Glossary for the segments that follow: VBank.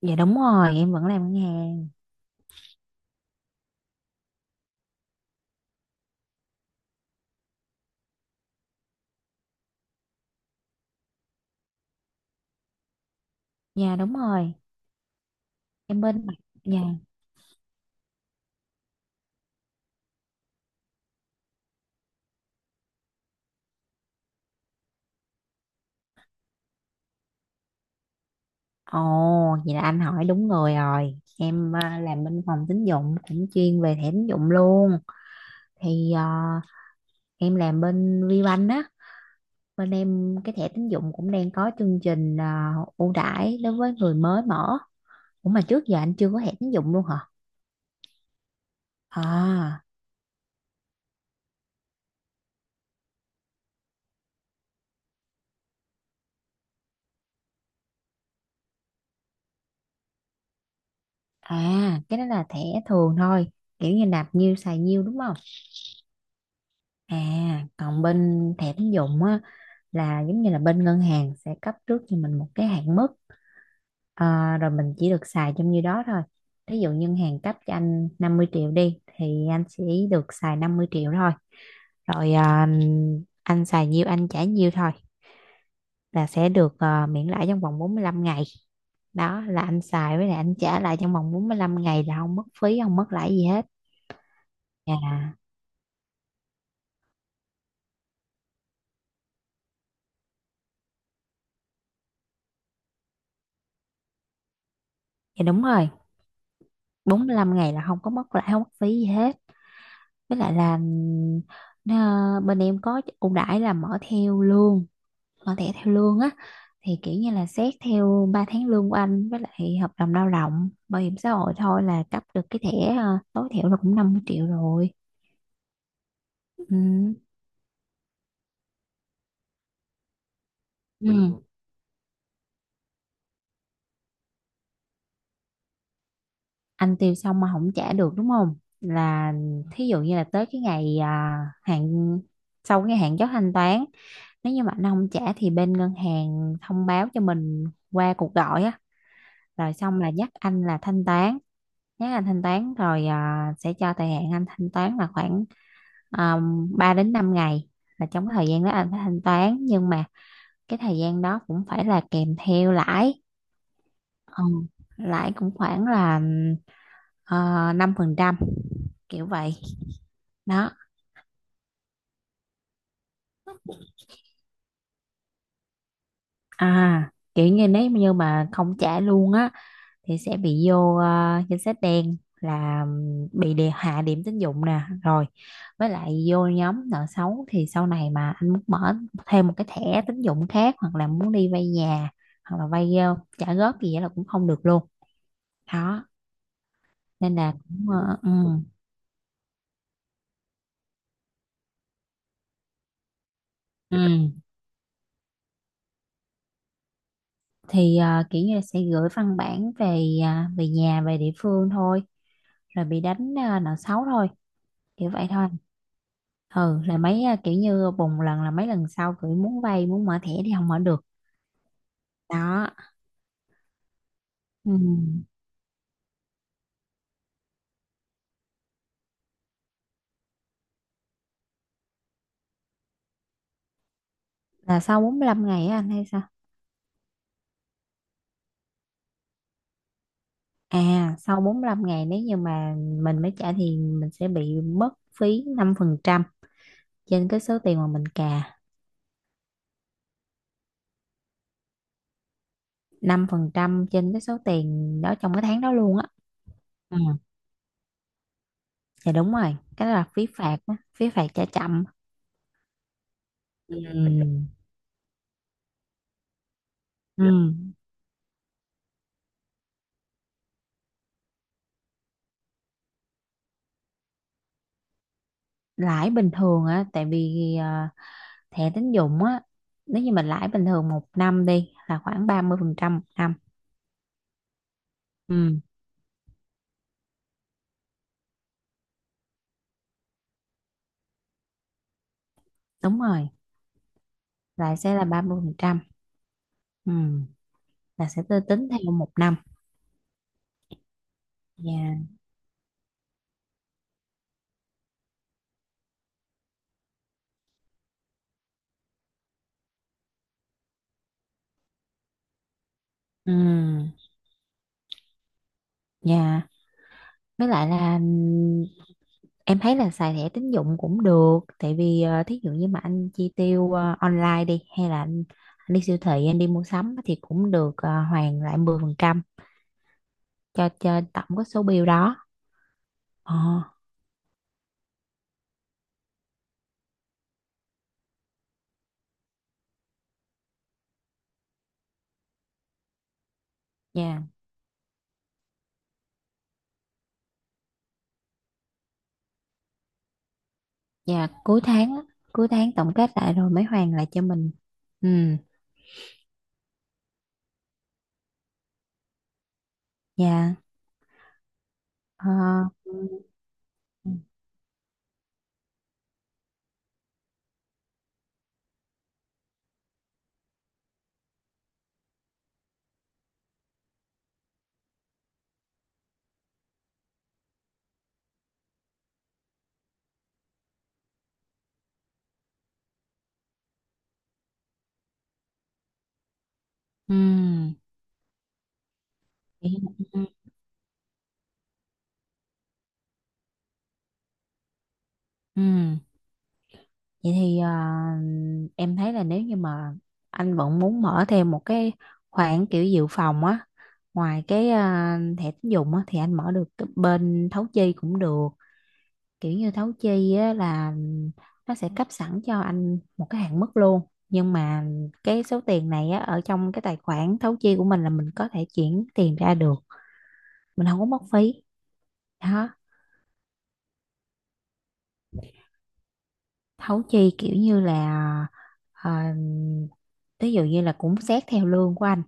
Dạ đúng rồi, em vẫn làm ngân hàng. Dạ đúng rồi, em bên mảng- dạ. Ồ, vậy là anh hỏi đúng người rồi. Em làm bên phòng tín dụng cũng chuyên về thẻ tín dụng luôn. Thì à, em làm bên VBank á, bên em cái thẻ tín dụng cũng đang có chương trình ưu đãi đối với người mới mở. Ủa mà trước giờ anh chưa có thẻ tín dụng luôn hả? À, cái đó là thẻ thường thôi. Kiểu như nạp nhiêu xài nhiêu đúng không? À, còn bên thẻ tín dụng á là giống như là bên ngân hàng sẽ cấp trước cho mình một cái hạn mức. Ờ, rồi mình chỉ được xài trong như đó thôi. Ví dụ ngân hàng cấp cho anh 50 triệu đi thì anh sẽ được xài 50 triệu thôi, rồi anh xài nhiêu anh trả nhiêu thôi là sẽ được miễn lãi trong vòng 45 ngày. Đó là anh xài với lại anh trả lại trong vòng 45 ngày là không mất phí không mất lãi gì hết. À, dạ đúng rồi, 45 ngày là không có mất lãi không mất phí gì hết. Với lại là bên em có ưu đãi là mở theo lương, mở thẻ theo lương á, thì kiểu như là xét theo 3 tháng lương của anh với lại hợp đồng lao động bảo hiểm xã hội thôi là cấp được cái thẻ tối thiểu là cũng 50 triệu rồi. Ừ. Ừ. Anh tiêu xong mà không trả được đúng không, là thí dụ như là tới cái ngày hạn, sau cái hạn chót thanh toán nếu như mà anh không trả thì bên ngân hàng thông báo cho mình qua cuộc gọi á, rồi xong là nhắc anh là thanh toán, nhắc anh thanh toán rồi sẽ cho thời hạn anh thanh toán là khoảng 3 đến 5 ngày, là trong cái thời gian đó anh phải thanh toán nhưng mà cái thời gian đó cũng phải là kèm theo lãi. Ừ. Lãi cũng khoảng là 5 phần trăm kiểu vậy. Đó. À, kiểu như nếu như mà không trả luôn á thì sẽ bị vô danh sách đen, là bị đề hạ điểm tín dụng nè, rồi với lại vô nhóm nợ xấu thì sau này mà anh muốn mở thêm một cái thẻ tín dụng khác hoặc là muốn đi vay nhà hoặc là vay trả góp gì vậy là cũng không được luôn. Đó, nên là cũng ừ. Thì kiểu như là sẽ gửi văn bản về về nhà, về địa phương thôi, rồi bị đánh nợ xấu thôi, kiểu vậy thôi. Ừ, là mấy kiểu như bùng lần là mấy lần sau cứ muốn vay muốn mở thẻ thì không mở được. Đó. Ừ. Là sau 45 ngày á anh hay sao? À, sau 45 ngày nếu như mà mình mới trả thì mình sẽ bị mất phí 5% trên cái số tiền mà mình cà. Năm phần trăm trên cái số tiền đó trong cái tháng đó luôn á. Ừ. Dạ đúng rồi, cái đó là phí phạt á, phí phạt trả chậm. Ừ. Ừ. Ừ. Lãi bình thường á, tại vì thẻ tín dụng á, nếu như mình lãi bình thường một năm đi là khoảng 30% một năm. Ừ, đúng rồi. Lãi sẽ là 30%. Ừ, là sẽ tôi tính theo một năm. Dạ. Ừ. Dạ. Với lại là em thấy là xài thẻ tín dụng cũng được, tại vì thí dụ như mà anh chi tiêu online đi hay là anh đi siêu thị anh đi mua sắm á, thì cũng được hoàn lại 10% cho tổng cái số bill đó. Ờ. Dạ. Dạ cuối tháng á, cuối tháng tổng kết lại rồi mới hoàn lại cho mình. Ừ, dạ. Ờ, ừ, ừ, vậy ừ, ừ. Vậy thì em thấy là nếu như mà anh vẫn muốn mở thêm một cái khoản kiểu dự phòng á, ngoài cái thẻ tín dụng á thì anh mở được cái bên thấu chi cũng được. Kiểu như thấu chi á, là nó sẽ cấp sẵn cho anh một cái hạn mức luôn, nhưng mà cái số tiền này á, ở trong cái tài khoản thấu chi của mình là mình có thể chuyển tiền ra được, mình không có mất phí. Đó. Thấu chi kiểu như là ờ, ví dụ như là cũng xét theo lương của anh,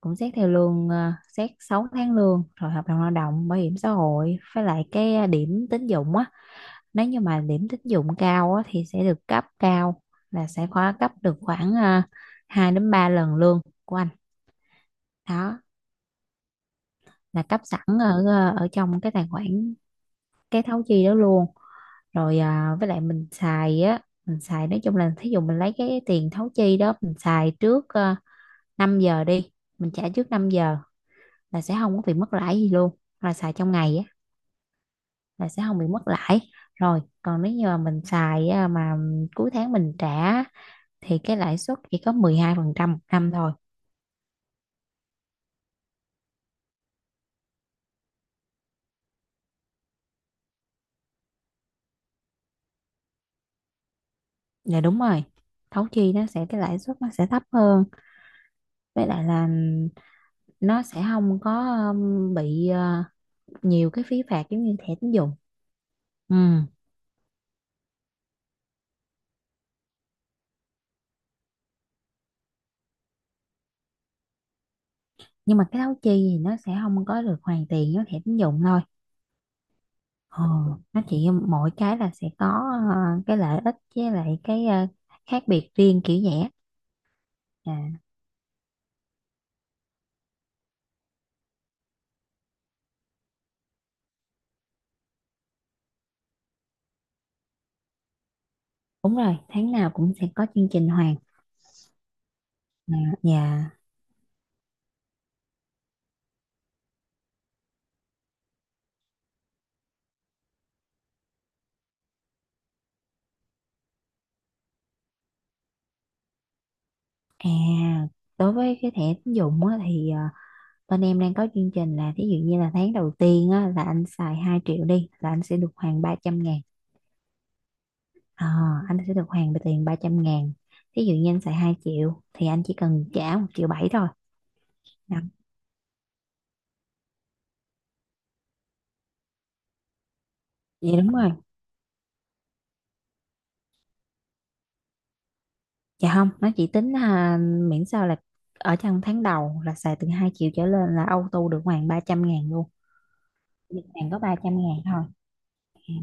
cũng xét theo lương xét 6 tháng lương rồi hợp đồng lao động bảo hiểm xã hội với lại cái điểm tín dụng á, nếu như mà điểm tín dụng cao á, thì sẽ được cấp cao, là sẽ khóa cấp được khoảng 2 đến 3 lần lương của anh. Đó, là cấp sẵn ở ở trong cái tài khoản cái thấu chi đó luôn. Rồi với lại mình xài á, mình xài nói chung là thí dụ mình lấy cái tiền thấu chi đó mình xài trước 5 giờ đi, mình trả trước 5 giờ là sẽ không có bị mất lãi gì luôn, là xài trong ngày á là sẽ không bị mất lãi. Rồi còn nếu như mà mình xài mà cuối tháng mình trả thì cái lãi suất chỉ có 12% một năm thôi. Là đúng rồi, thấu chi nó sẽ cái lãi suất nó sẽ thấp hơn, với lại là nó sẽ không có bị nhiều cái phí phạt giống như thẻ tín dụng. Ừ. Nhưng mà cái thấu chi thì nó sẽ không có được hoàn tiền với thẻ tín dụng thôi. Ừ. Nó chỉ mỗi cái là sẽ có ờ, cái lợi ích với lại cái khác biệt riêng kiểu vậy á. À, đúng rồi, tháng nào cũng sẽ có chương trình hoàn. À, dạ. À, đối với cái thẻ tín dụng á, thì bên em đang có chương trình là thí dụ như là tháng đầu tiên á, là anh xài 2 triệu đi là anh sẽ được hoàn 300 ngàn. Ờ, anh sẽ được hoàn tiền 300 ngàn. Thí dụ như anh xài 2 triệu thì anh chỉ cần trả một triệu bảy thôi. Đó. Vậy đúng rồi. Dạ không, nó chỉ tính miễn sao là ở trong tháng đầu là xài từ 2 triệu trở lên là auto được hoàn 300 ngàn luôn. Được hoàn có ba trăm ngàn thôi. Ừ,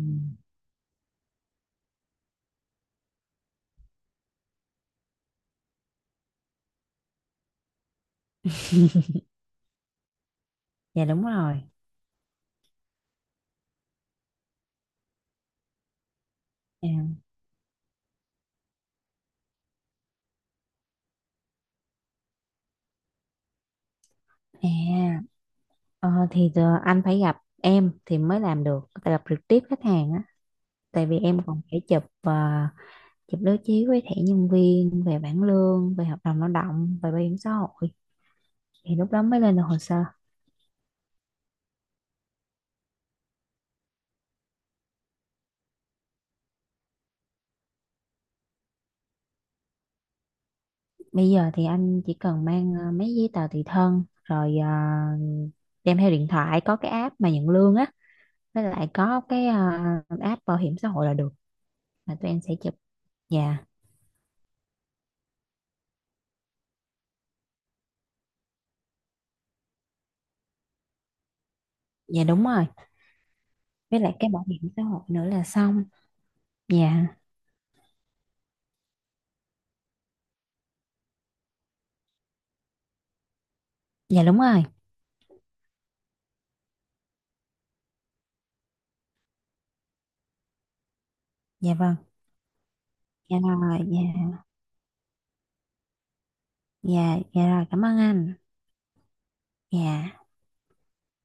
dạ đúng rồi. À, à. Ờ, thì giờ anh phải gặp em thì mới làm được, tại gặp trực tiếp khách hàng á, tại vì em còn phải chụp chụp đối chiếu với thẻ nhân viên, về bảng lương, về hợp đồng lao động, về bảo hiểm xã hội thì lúc đó mới lên được hồ sơ. Bây giờ thì anh chỉ cần mang mấy giấy tờ tùy thân, rồi đem theo điện thoại có cái app mà nhận lương á, với lại có cái app bảo hiểm xã hội là được, là tụi em sẽ chụp. Dạ. Dạ đúng rồi. Với lại cái bảo hiểm xã hội nữa là xong. Dạ. Dạ đúng rồi. Dạ vâng. Dạ rồi. Dạ. Dạ dạ rồi, cảm ơn anh. Dạ.